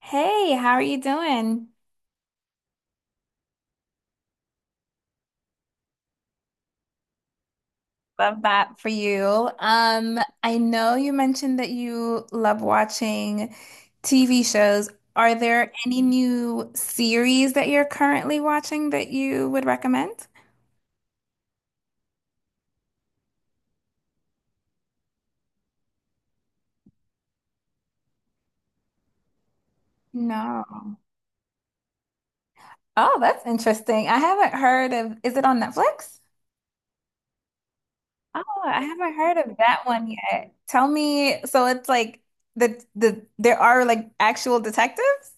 Hey, how are you doing? Love that for you. I know you mentioned that you love watching TV shows. Are there any new series that you're currently watching that you would recommend? No. Oh, that's interesting. I haven't heard of, is it on Netflix? Oh, I haven't heard of that one yet. Tell me, so it's like the there are like actual detectives?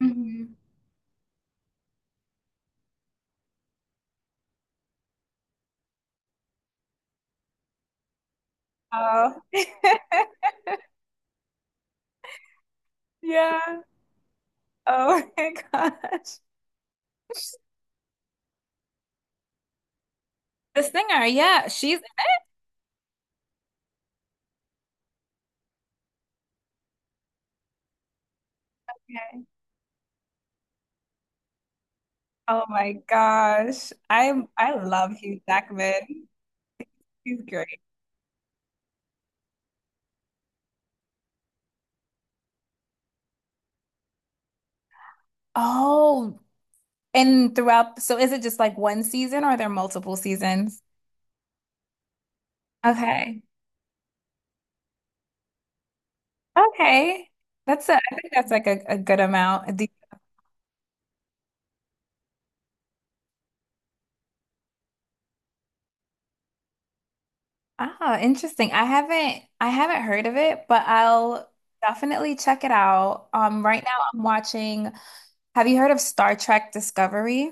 Mhm. Oh. Yeah. Oh my gosh. The singer, yeah, she's okay. Oh my gosh. I love Hugh Jackman. He's great. Oh, and throughout, so is it just like one season or are there multiple seasons? Okay. Okay. That's a, I think that's like a good amount. The- ah, interesting. I haven't heard of it, but I'll definitely check it out. Right now I'm watching, have you heard of Star Trek Discovery?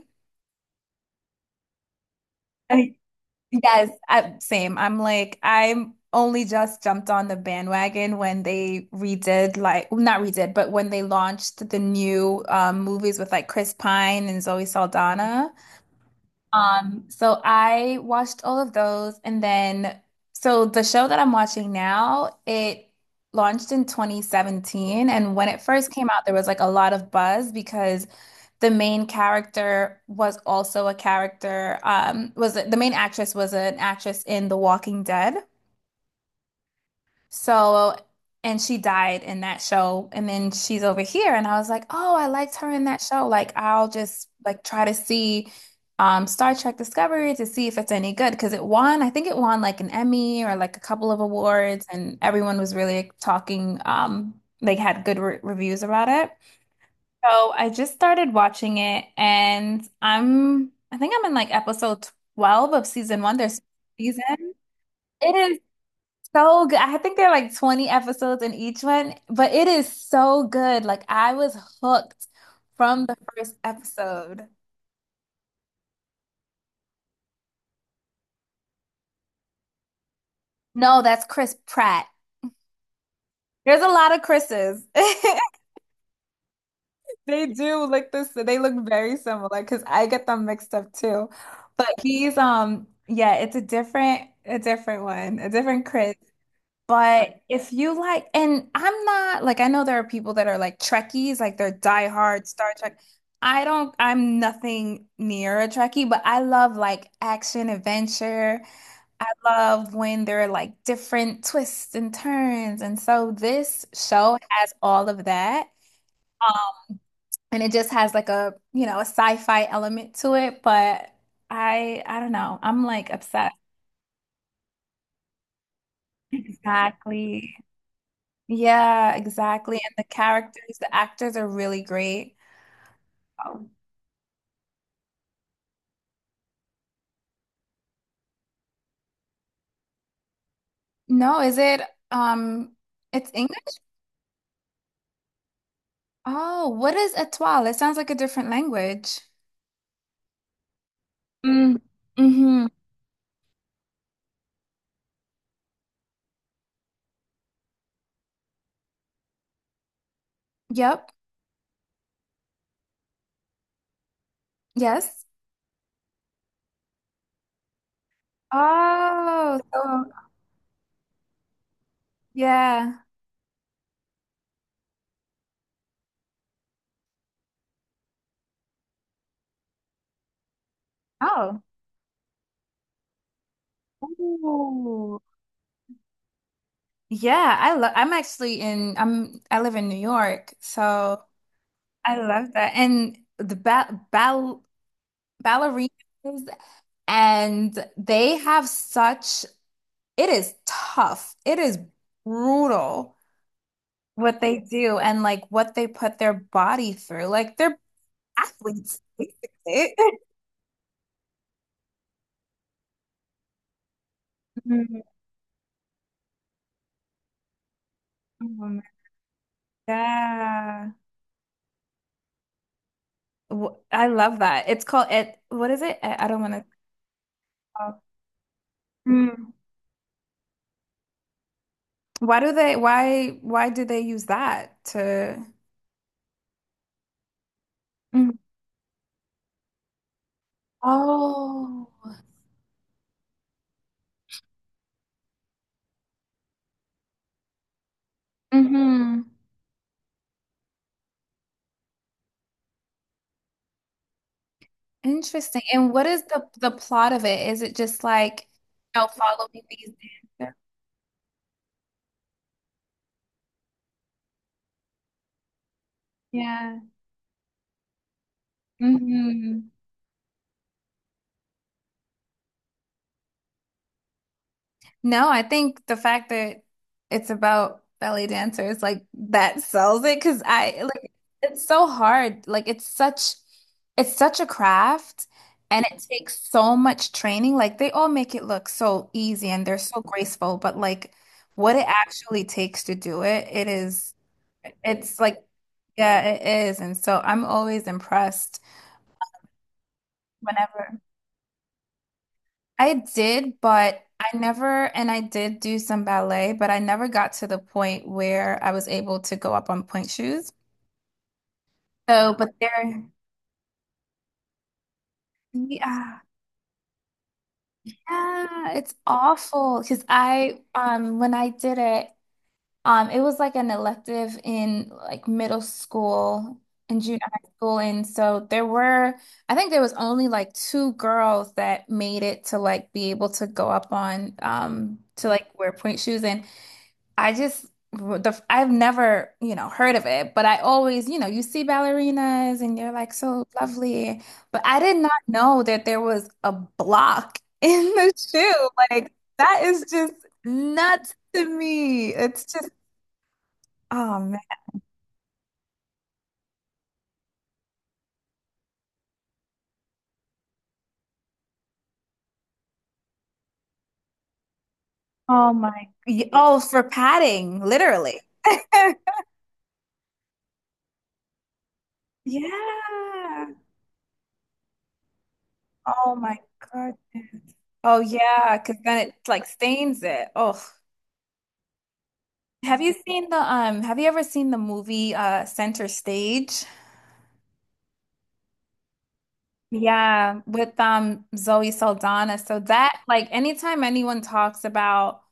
Yes, I, same. I'm like, I'm only just jumped on the bandwagon when they redid, like, well, not redid, but when they launched the new movies with like Chris Pine and Zoe Saldana. So I watched all of those and then so the show that I'm watching now, it launched in 2017, and when it first came out there was like a lot of buzz because the main character was also a character was the main actress was an actress in The Walking Dead. So, and she died in that show. And then she's over here. And I was like, oh, I liked her in that show. Like, I'll just like try to see Star Trek Discovery to see if it's any good. Because it won, I think it won like an Emmy or like a couple of awards. And everyone was really talking. They had good re reviews about it. So I just started watching it. And I'm, I think I'm in like episode 12 of season one. There's season. It is so good. I think there are like 20 episodes in each one, but it is so good. Like I was hooked from the first episode. No, that's Chris Pratt. There's a lot of Chris's. They do look this, they look very similar because I get them mixed up too. But he's yeah, it's a different one, a different Chris. But if you like, and I'm not like, I know there are people that are like Trekkies, like they're diehard Star Trek. I don't, I'm nothing near a Trekkie, but I love like action adventure. I love when there are like different twists and turns. And so this show has all of that. And it just has like a, you know, a sci-fi element to it. But I don't know. I'm like obsessed. Exactly. Yeah, exactly. And the characters, the actors are really great. Oh. No, is it um it's English? Oh, what is étoile? It sounds like a different language. Mm. Mm-hmm. Yep. Yes. Oh, so yeah. Oh. Ooh. Yeah, I love I'm actually in I'm I live in New York, so I love that. And the ba ball ballerinas and they have such it is tough. It is brutal what they do and like what they put their body through. Like they're athletes, basically. Mhm. Oh my God. W- I love that. It's called it. What is it? I don't want to call. Mm. Why do they? Why? Why do they use that to? Mm. Oh. Hmm. Interesting. And what is the plot of it? Is it just like, oh, follow me these dancers? Yeah. Hmm. No, I think the fact that it's about belly dancers, like that sells it because I like it's so hard. Like it's such a craft and it takes so much training. Like they all make it look so easy and they're so graceful, but like what it actually takes to do it, it is it's like yeah, it is. And so I'm always impressed whenever. I did, but I never, and I did do some ballet, but I never got to the point where I was able to go up on point shoes. So, but there, yeah, yeah, it's awful because I, when I did it, it was like an elective in like middle school and junior high school, and so there were, I think there was only like two girls that made it to like be able to go up on, to like wear point shoes and. I just the I've never, you know, heard of it, but I always, you know, you see ballerinas and you're like so lovely, but I did not know that there was a block in the shoe. Like that is just nuts to me. It's just oh man. Oh my. Y- Oh, for padding, literally. Yeah. Oh my goodness. Oh yeah, because then it like stains it. Oh. Have you seen the have you ever seen the movie Center Stage? Yeah, with Zoe Saldana. So that like anytime anyone talks about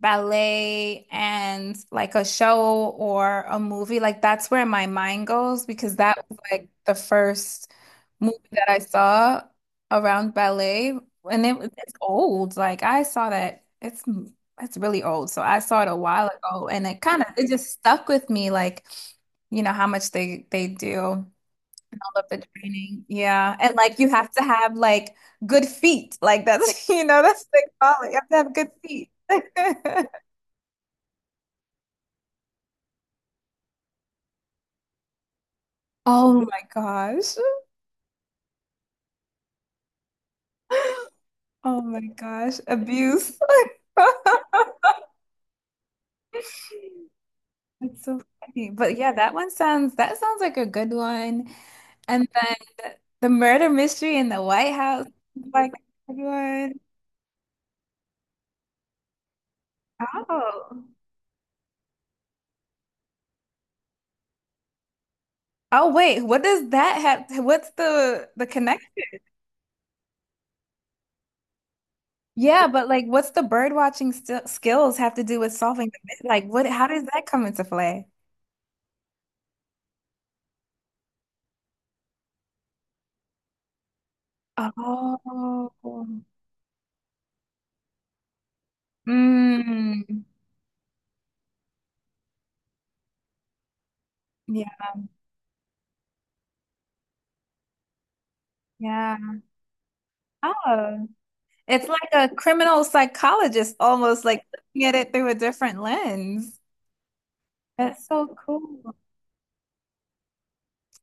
ballet and like a show or a movie, like that's where my mind goes because that was like the first movie that I saw around ballet and it was- it's old. Like I saw that it's really old. So I saw it a while ago and it kind of it just stuck with me like you know how much they do love the training. Yeah. And like you have to have like good feet. Like that's, you know, that's the call. You have to have good feet. Oh my gosh. Oh my gosh. Abuse. That's so funny. But yeah, that one sounds that sounds like a good one. And then the murder mystery in the White House, like a good one. Oh. Oh wait, what does that have? What's the connection? Yeah, but like, what's the bird watching st skills have to do with solving the mystery? Like, what? How does that come into play? Oh, mm. Yeah, yeah. Oh, it's like a criminal psychologist almost like looking at it through a different lens. That's so cool.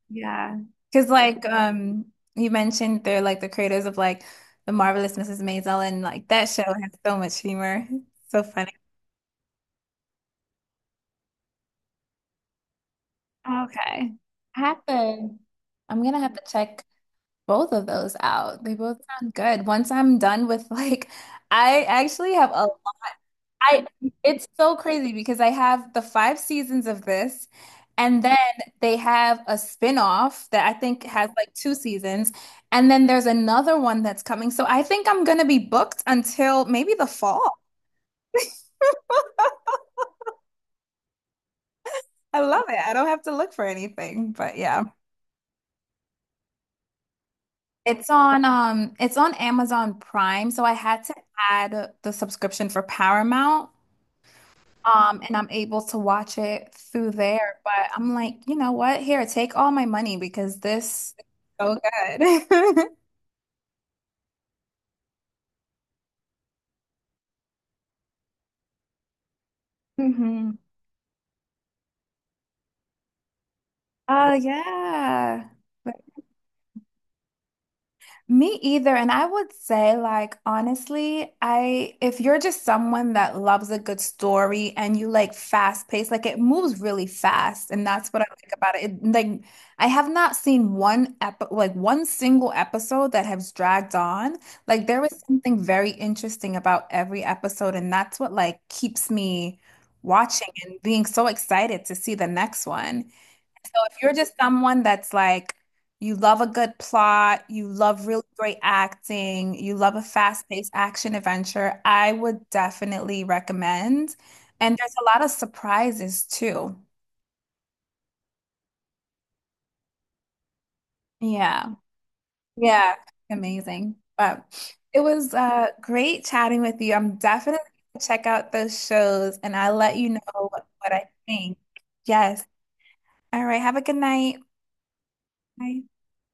Yeah, because like, you mentioned they're like the creators of like the Marvelous Mrs. Maisel, and like that show has so much humor, so funny. Okay. I have to, I'm gonna have to check both of those out. They both sound good. Once I'm done with like, I actually have a, I, it's so crazy because I have the five seasons of this, and then they have a spin-off that I think has like two seasons, and then there's another one that's coming. So I think I'm gonna be booked until maybe the fall. I love it. I don't have to look for anything, but yeah. It's on Amazon Prime, so I had to add the subscription for Paramount. And I'm able to watch it through there. But I'm like, you know what? Here, take all my money because this is so good. Hmm. Oh yeah. Me either. And I would say, like, honestly, I, if you're just someone that loves a good story and you like fast paced, like it moves really fast. And that's what I like about it. It- like, I have not seen one ep like one single episode that has dragged on. Like, there is something very interesting about every episode. And that's what like keeps me watching and being so excited to see the next one. So if you're just someone that's like, you love a good plot, you love really great acting, you love a fast-paced action adventure, I would definitely recommend. And there's a lot of surprises too. Yeah. Yeah. Amazing. But it was great chatting with you. I'm definitely gonna check out those shows and I'll let you know what I think. Yes. All right. Have a good night. Bye.